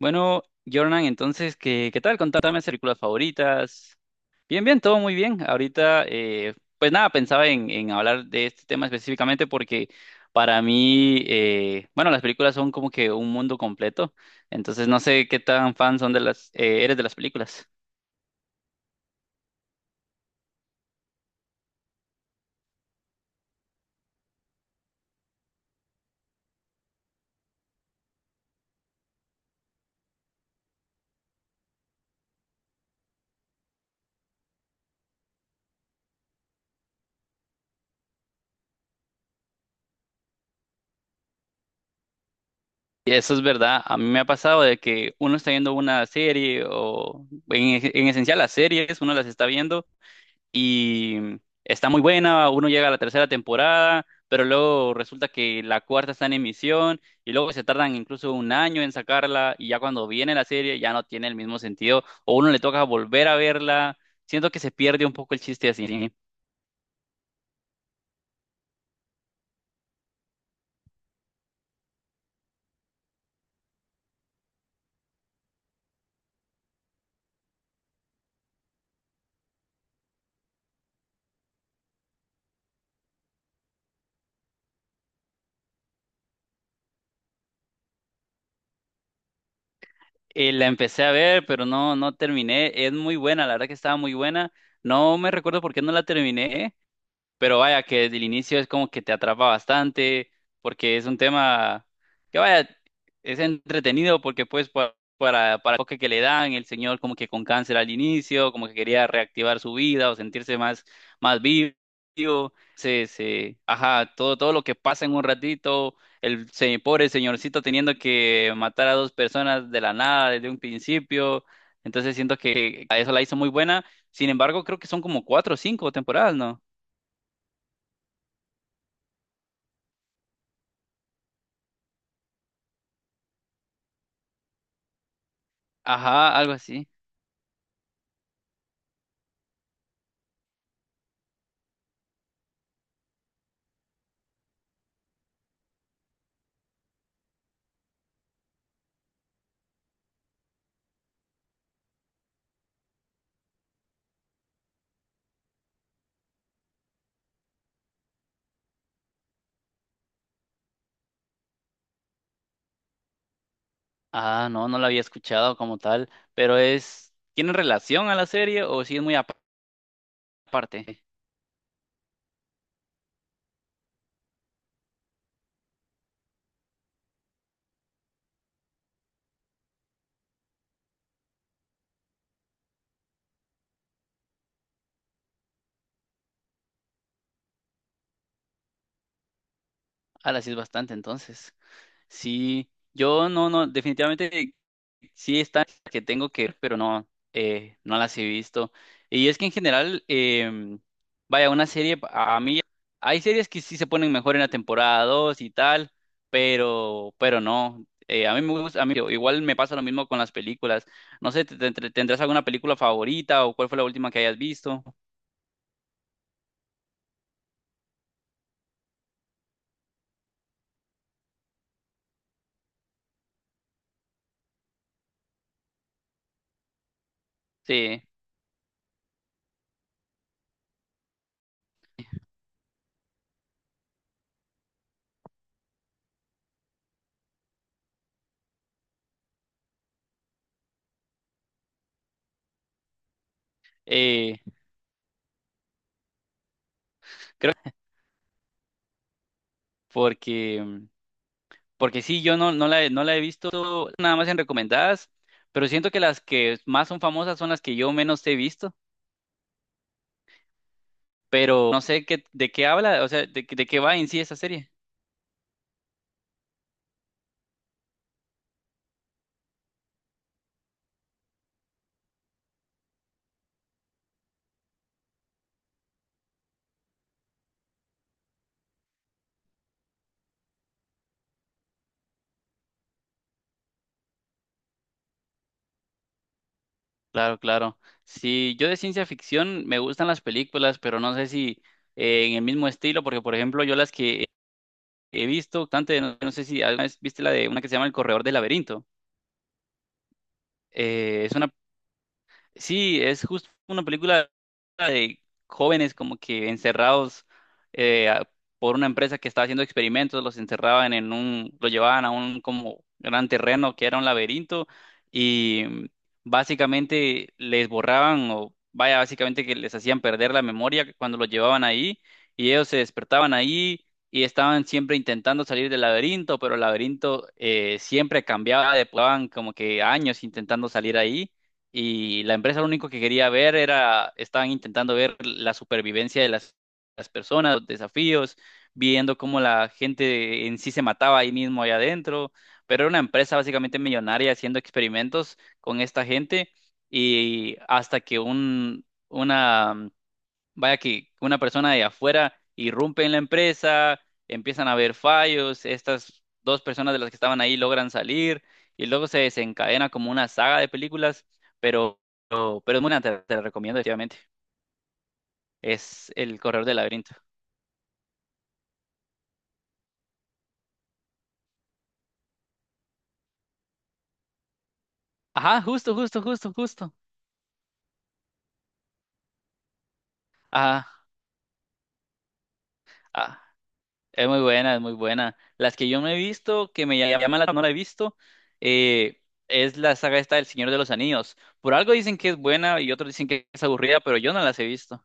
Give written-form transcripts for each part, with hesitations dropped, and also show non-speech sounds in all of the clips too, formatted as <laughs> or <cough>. Bueno, Jordan, entonces, ¿qué tal? Contame tus películas favoritas. Bien, bien, todo muy bien. Ahorita, pues nada, pensaba en hablar de este tema específicamente porque para mí, bueno, las películas son como que un mundo completo. Entonces, no sé qué tan fan son de las, eres de las películas. Y eso es verdad. A mí me ha pasado de que uno está viendo una serie o en esencial las series, uno las está viendo, y está muy buena, uno llega a la tercera temporada, pero luego resulta que la cuarta está en emisión y luego se tardan incluso un año en sacarla y ya cuando viene la serie ya no tiene el mismo sentido o uno le toca volver a verla. Siento que se pierde un poco el chiste así. La empecé a ver, pero no terminé. Es muy buena, la verdad que estaba muy buena. No me recuerdo por qué no la terminé, pero vaya, que desde el inicio es como que te atrapa bastante, porque es un tema que vaya, es entretenido porque pues para el enfoque que le dan, el señor como que con cáncer al inicio, como que quería reactivar su vida o sentirse más, más vivo, ajá, todo lo que pasa en un ratito, el pobre señorcito teniendo que matar a dos personas de la nada desde un principio, entonces siento que a eso la hizo muy buena, sin embargo creo que son como cuatro o cinco temporadas, ¿no? Ajá, algo así. Ah, no la había escuchado como tal, pero es, ¿tiene relación a la serie o sí es muy aparte? Ah, la sí es bastante entonces. Sí, yo no, definitivamente sí está que tengo que ver, pero no, no las he visto. Y es que en general, vaya, una serie, a mí, hay series que sí se ponen mejor en la temporada 2 y tal, pero no. A mí me gusta, a mí igual me pasa lo mismo con las películas. No sé, ¿tendrás alguna película favorita o cuál fue la última que hayas visto? Sí, eh, creo porque porque sí, yo no la he visto nada más en recomendadas, pero siento que las que más son famosas son las que yo menos he visto, pero no sé qué, de qué habla, o sea, de, de qué va en sí esa serie. Claro, claro. Sí, yo de ciencia ficción me gustan las películas, pero no sé si en el mismo estilo, porque por ejemplo yo las que he visto, bastante, no sé si alguna vez viste la de una que se llama El Corredor del Laberinto. Es una, sí, es justo una película de jóvenes como que encerrados eh, a- por una empresa que estaba haciendo experimentos, los encerraban en un, lo llevaban a un como gran terreno que era un laberinto y básicamente les borraban o vaya, básicamente que les hacían perder la memoria cuando los llevaban ahí y ellos se despertaban ahí y estaban siempre intentando salir del laberinto, pero el laberinto siempre cambiaba, depuraban como que años intentando salir ahí y la empresa lo único que quería ver era, estaban intentando ver la supervivencia de las personas, los desafíos, viendo cómo la gente en sí se mataba ahí mismo, allá adentro, pero era una empresa básicamente millonaria haciendo experimentos con esta gente y hasta que una vaya que una persona de afuera irrumpe en la empresa, empiezan a haber fallos, estas dos personas de las que estaban ahí logran salir y luego se desencadena como una saga de películas, pero, pero es muy buena, te la recomiendo definitivamente. Es El Corredor del Laberinto. Ajá, justo, justo, justo, justo. Ah, ah, es muy buena, es muy buena. Las que yo no he visto, que me llaman la no la he visto, eh, es la saga esta del Señor de los Anillos. Por algo dicen que es buena y otros dicen que es aburrida, pero yo no las he visto.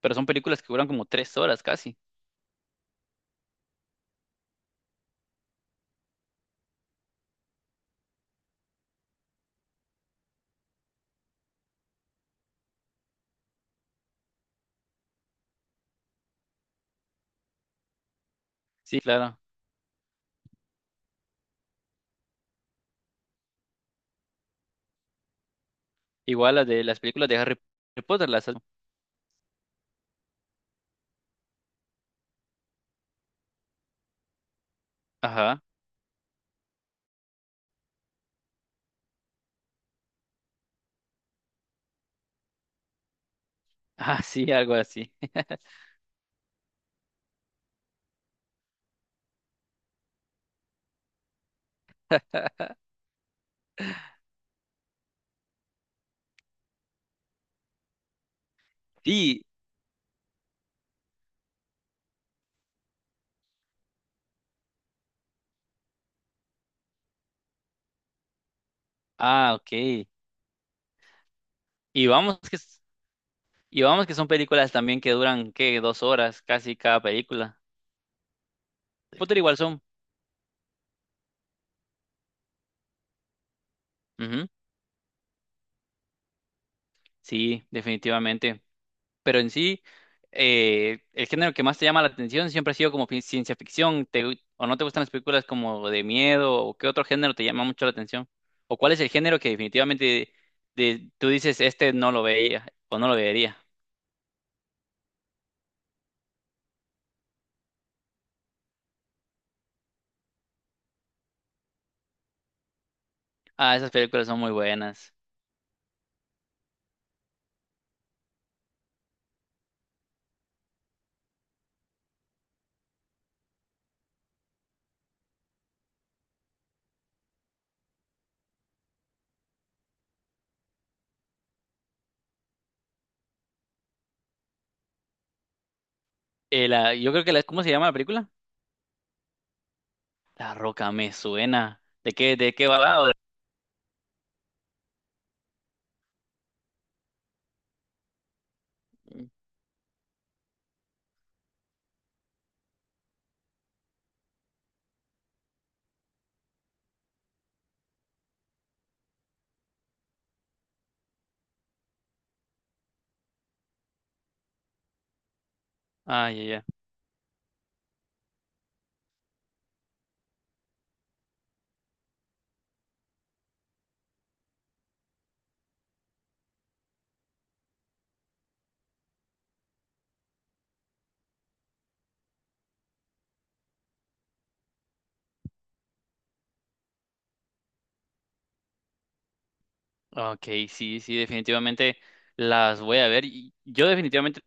Pero son películas que duran como tres horas casi. Sí, claro. Igual las de las películas de Harry Potter, las... Ajá. <laughs> Ah, sí, algo así. <laughs> Sí. Ah, ok. Y vamos que, y vamos que son películas también que duran, ¿qué? Dos horas casi cada película. Potter igual son. Ujú. Sí, definitivamente. Pero en sí, el género que más te llama la atención siempre ha sido como ciencia ficción. O no te gustan las películas como de miedo? ¿O qué otro género te llama mucho la atención? ¿O cuál es el género que definitivamente tú dices, este no lo veía o no lo vería? Ah, esas películas son muy buenas. La, yo creo que la, ¿cómo se llama la película? La Roca me suena. ¿De qué va? Ah, mm, ah, ya, ya. Ok, sí, sí, definitivamente las voy a ver. Y yo definitivamente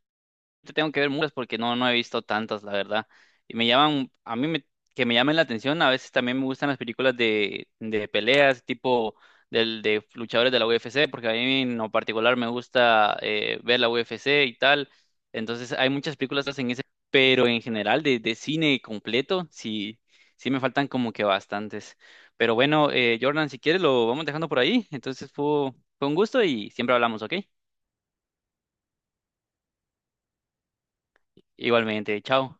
te tengo que ver muchas porque no he visto tantas, la verdad. Y me llaman, que me llamen la atención, a veces también me gustan las películas de peleas, tipo del, de luchadores de la UFC, porque a mí en lo particular me gusta ver la UFC y tal. Entonces hay muchas películas que hacen ese, pero en general de cine completo, sí, sí me faltan como que bastantes. Pero bueno, Jordan, si quieres lo vamos dejando por ahí. Entonces fue un gusto y siempre hablamos, ¿ok? Igualmente, chao.